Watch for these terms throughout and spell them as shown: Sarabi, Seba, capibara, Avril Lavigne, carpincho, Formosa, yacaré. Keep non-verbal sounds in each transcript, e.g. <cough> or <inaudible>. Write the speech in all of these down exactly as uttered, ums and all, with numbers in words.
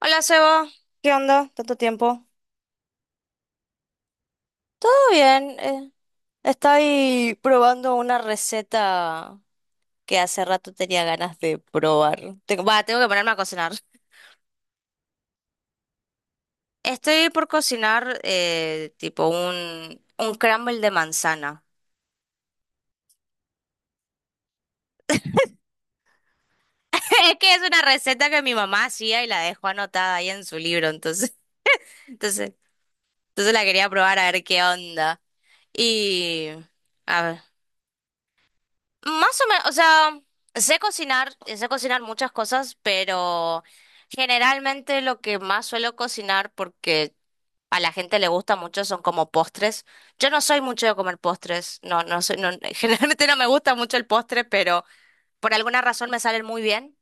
Hola Seba, ¿qué onda? ¿Tanto tiempo? Todo bien, eh, estoy probando una receta que hace rato tenía ganas de probar. Tengo, va, tengo que ponerme a cocinar. Estoy por cocinar eh, tipo un, un crumble de manzana. <laughs> Es que es una receta que mi mamá hacía y la dejó anotada ahí en su libro, entonces, <laughs> entonces, entonces la quería probar a ver qué onda. Y... A ver. Más o menos, o sea, sé cocinar, sé cocinar muchas cosas, pero generalmente lo que más suelo cocinar porque a la gente le gusta mucho son como postres. Yo no soy mucho de comer postres, no, no soy, no- <laughs> generalmente no me gusta mucho el postre, pero por alguna razón me salen muy bien,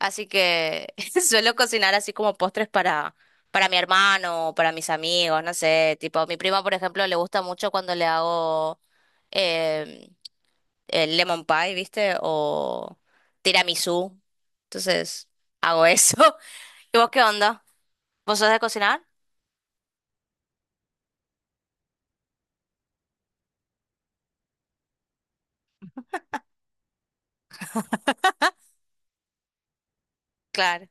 así que <laughs> suelo cocinar así como postres para para mi hermano, para mis amigos, no sé, tipo, a mi prima, por ejemplo, le gusta mucho cuando le hago em, el lemon pie, ¿viste? O tiramisú. Entonces, hago eso. <laughs> ¿Y vos qué onda? ¿Vos sos de cocinar? Claro.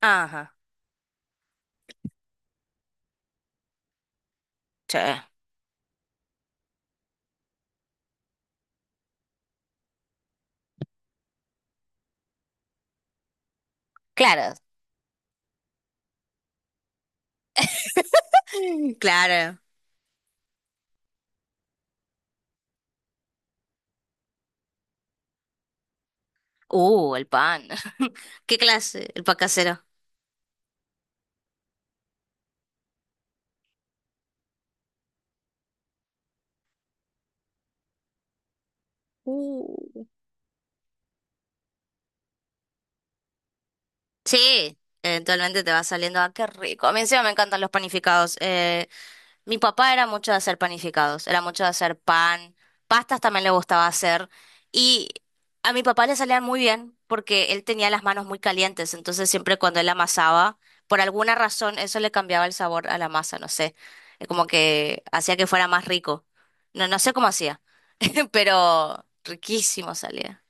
Ajá. Sí, claro. <laughs> Claro. Uh, el pan. <laughs> ¿Qué clase? El pan casero. Uh. Sí, eventualmente te va saliendo. Ah, qué rico. A mí encima me encantan los panificados. Eh, Mi papá era mucho de hacer panificados, era mucho de hacer pan, pastas también le gustaba hacer y a mi papá le salían muy bien porque él tenía las manos muy calientes, entonces siempre cuando él amasaba, por alguna razón eso le cambiaba el sabor a la masa, no sé, eh, como que hacía que fuera más rico. No, no sé cómo hacía, <laughs> pero riquísimo salía.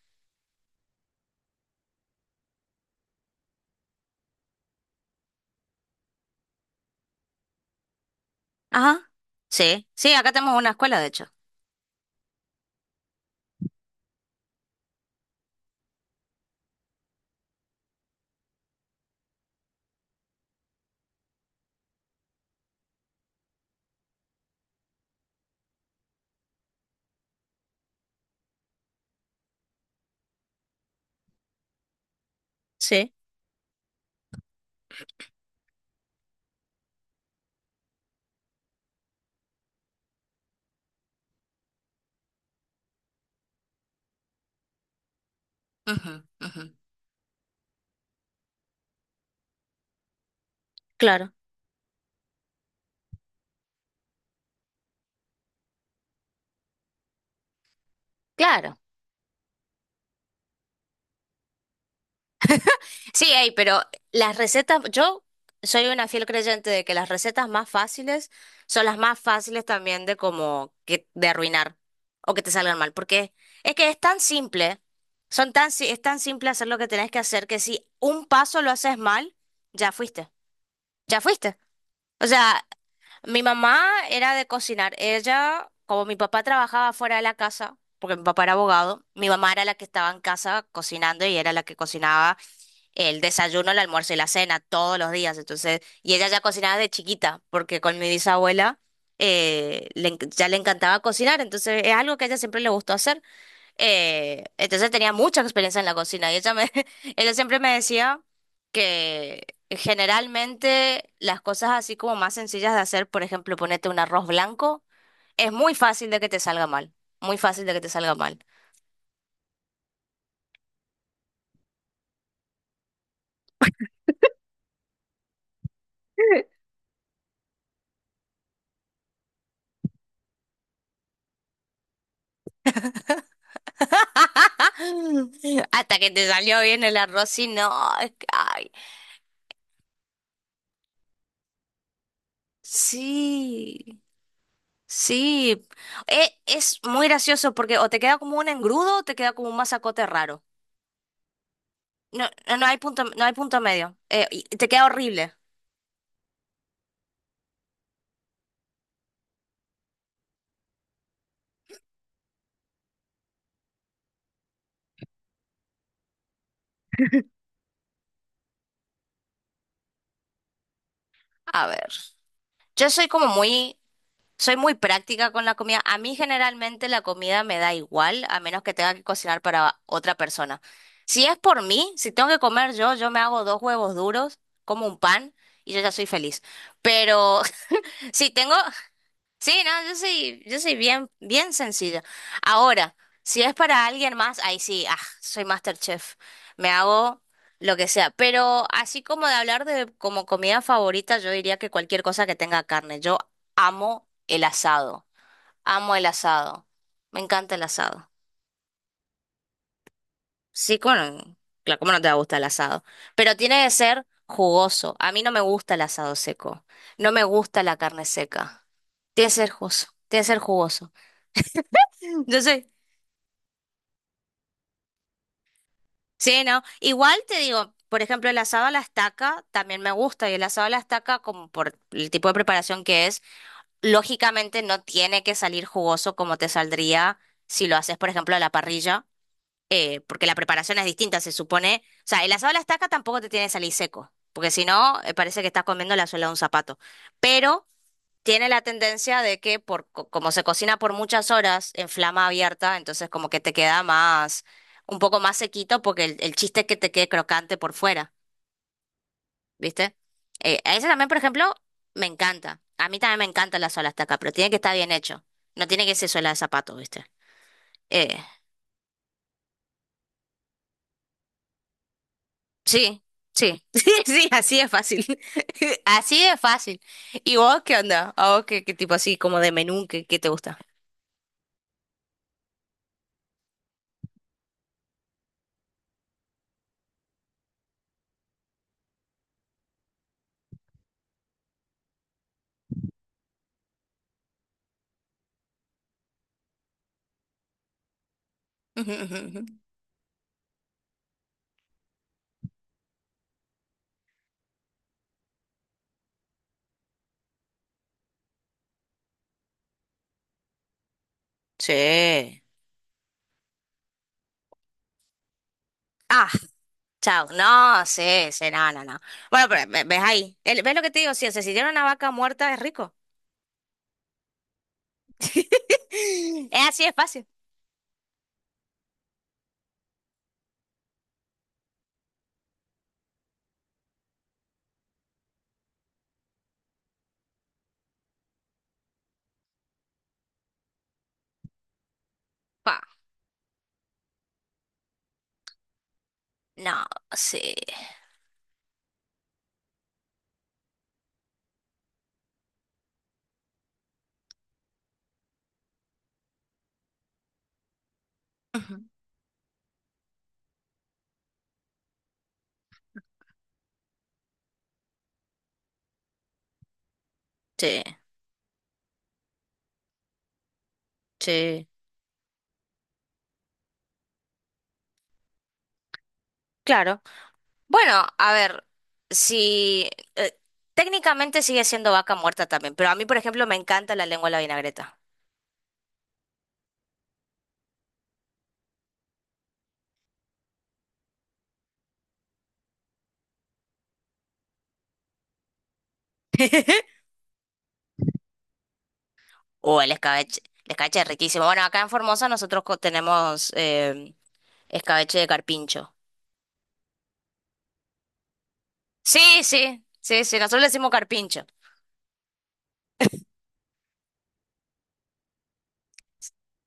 Ajá, sí, sí, acá tenemos una escuela de hecho. Sí, ujú, ujú, claro. Claro. Sí, hay, pero las recetas, yo soy una fiel creyente de que las recetas más fáciles son las más fáciles también de como que de arruinar o que te salgan mal, porque es que es tan simple, son tan, si- es tan simple hacer lo que tenés que hacer que si un paso lo haces mal, ya fuiste, ya fuiste. O sea, mi mamá era de cocinar, ella, como mi papá trabajaba fuera de la casa, porque mi papá era abogado, mi mamá era la que estaba en casa cocinando y era la que cocinaba el desayuno, el almuerzo y la cena todos los días. Entonces, y ella ya cocinaba de chiquita, porque con mi bisabuela eh, le enc- ya le encantaba cocinar, entonces es algo que a ella siempre le gustó hacer. Eh, entonces tenía mucha experiencia en la cocina y ella me, <laughs> ella siempre me decía que generalmente las cosas así como más sencillas de hacer, por ejemplo, ponerte un arroz blanco, es muy fácil de que te salga mal. Muy fácil de que te salga mal. <laughs> Hasta que te salió bien el arroz y no, es que, ay, sí, sí. E- es muy gracioso porque o te queda como un engrudo o te queda como un masacote raro. No, no no hay punto, no hay punto medio. Eh, y te queda horrible. A ver. Yo soy como muy, soy muy práctica con la comida. A mí generalmente la comida me da igual, a menos que tenga que cocinar para otra persona. Si es por mí, si tengo que comer yo, yo me hago dos huevos duros, como un pan y yo ya soy feliz. Pero <laughs> si tengo, sí, no, yo soy, yo soy bien, bien sencilla. Ahora, si es para alguien más, ahí sí, ah, soy MasterChef. Me hago lo que sea. Pero así como de hablar de como comida favorita, yo diría que cualquier cosa que tenga carne. Yo amo el asado. Amo el asado. Me encanta el asado. Sí, bueno, claro, ¿cómo no te va a gustar el asado? Pero tiene que ser jugoso. A mí no me gusta el asado seco. No me gusta la carne seca. Tiene que ser jugoso. Tiene que ser jugoso. <laughs> Yo sé. Sí, ¿no? Igual te digo, por ejemplo, el asado a la estaca también me gusta y el asado a la estaca, como por el tipo de preparación que es, lógicamente no tiene que salir jugoso como te saldría si lo haces, por ejemplo, a la parrilla, eh, porque la preparación es distinta, se supone. O sea, el asado a la estaca tampoco te tiene que salir seco, porque si no, eh, parece que estás comiendo la suela de un zapato. Pero tiene la tendencia de que por, co- como se cocina por muchas horas en flama abierta, entonces como que te queda más, un poco más sequito porque el, el chiste es que te quede crocante por fuera, ¿viste? Eh, a ese también, por ejemplo, me encanta. A mí también me encanta la suela hasta acá, pero tiene que estar bien hecho. No tiene que ser suela de zapato, ¿viste? Eh, sí, sí, <laughs> sí, sí, así es fácil. <laughs> Así es fácil. ¿Y vos qué onda? ¿A vos qué, qué tipo así como de menú, qué, qué te gusta? <laughs> Ujú, ujú, ujú. Sí. Ah, chao. No, sí, sí, no, no, no. Bueno, pero ve- ves ahí. El- ¿Ves lo que te digo? Si se sintieron una vaca muerta, es rico. <laughs> Es así de fácil. Pa. No, sí. Ujú. Sí, sí. Claro. Bueno, a ver, si... eh, técnicamente sigue siendo vaca muerta también, pero a mí, por ejemplo, me encanta la lengua a la vinagreta. <laughs> O el escabeche. El escabeche es riquísimo. Bueno, acá en Formosa nosotros co- tenemos eh, escabeche de carpincho. Sí, sí, sí, sí, nosotros le decimos carpincho.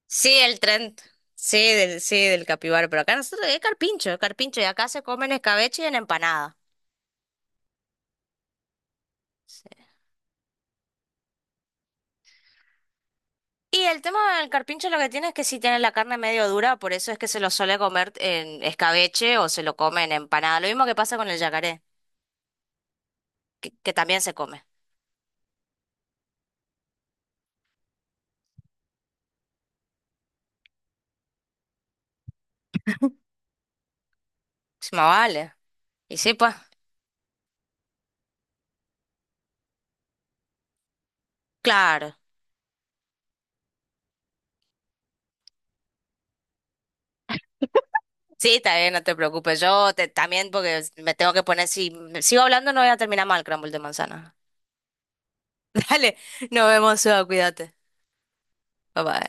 Sí, el tren. Sí, del, sí, del capibara. Pero acá nosotros es carpincho, es carpincho. Y acá se comen escabeche y en empanada. Sí. Y el tema del carpincho lo que tiene es que sí tiene la carne medio dura, por eso es que se lo suele comer en escabeche o se lo come en empanada. Lo mismo que pasa con el yacaré, que, que también se come. Sí, más vale. Y sí, pues, claro. Sí, también, no te preocupes. Yo te- también, porque me tengo que poner, si sigo hablando no voy a terminar mal, crumble de manzana. <laughs> Dale, nos vemos, Seba, cuídate. Bye bye.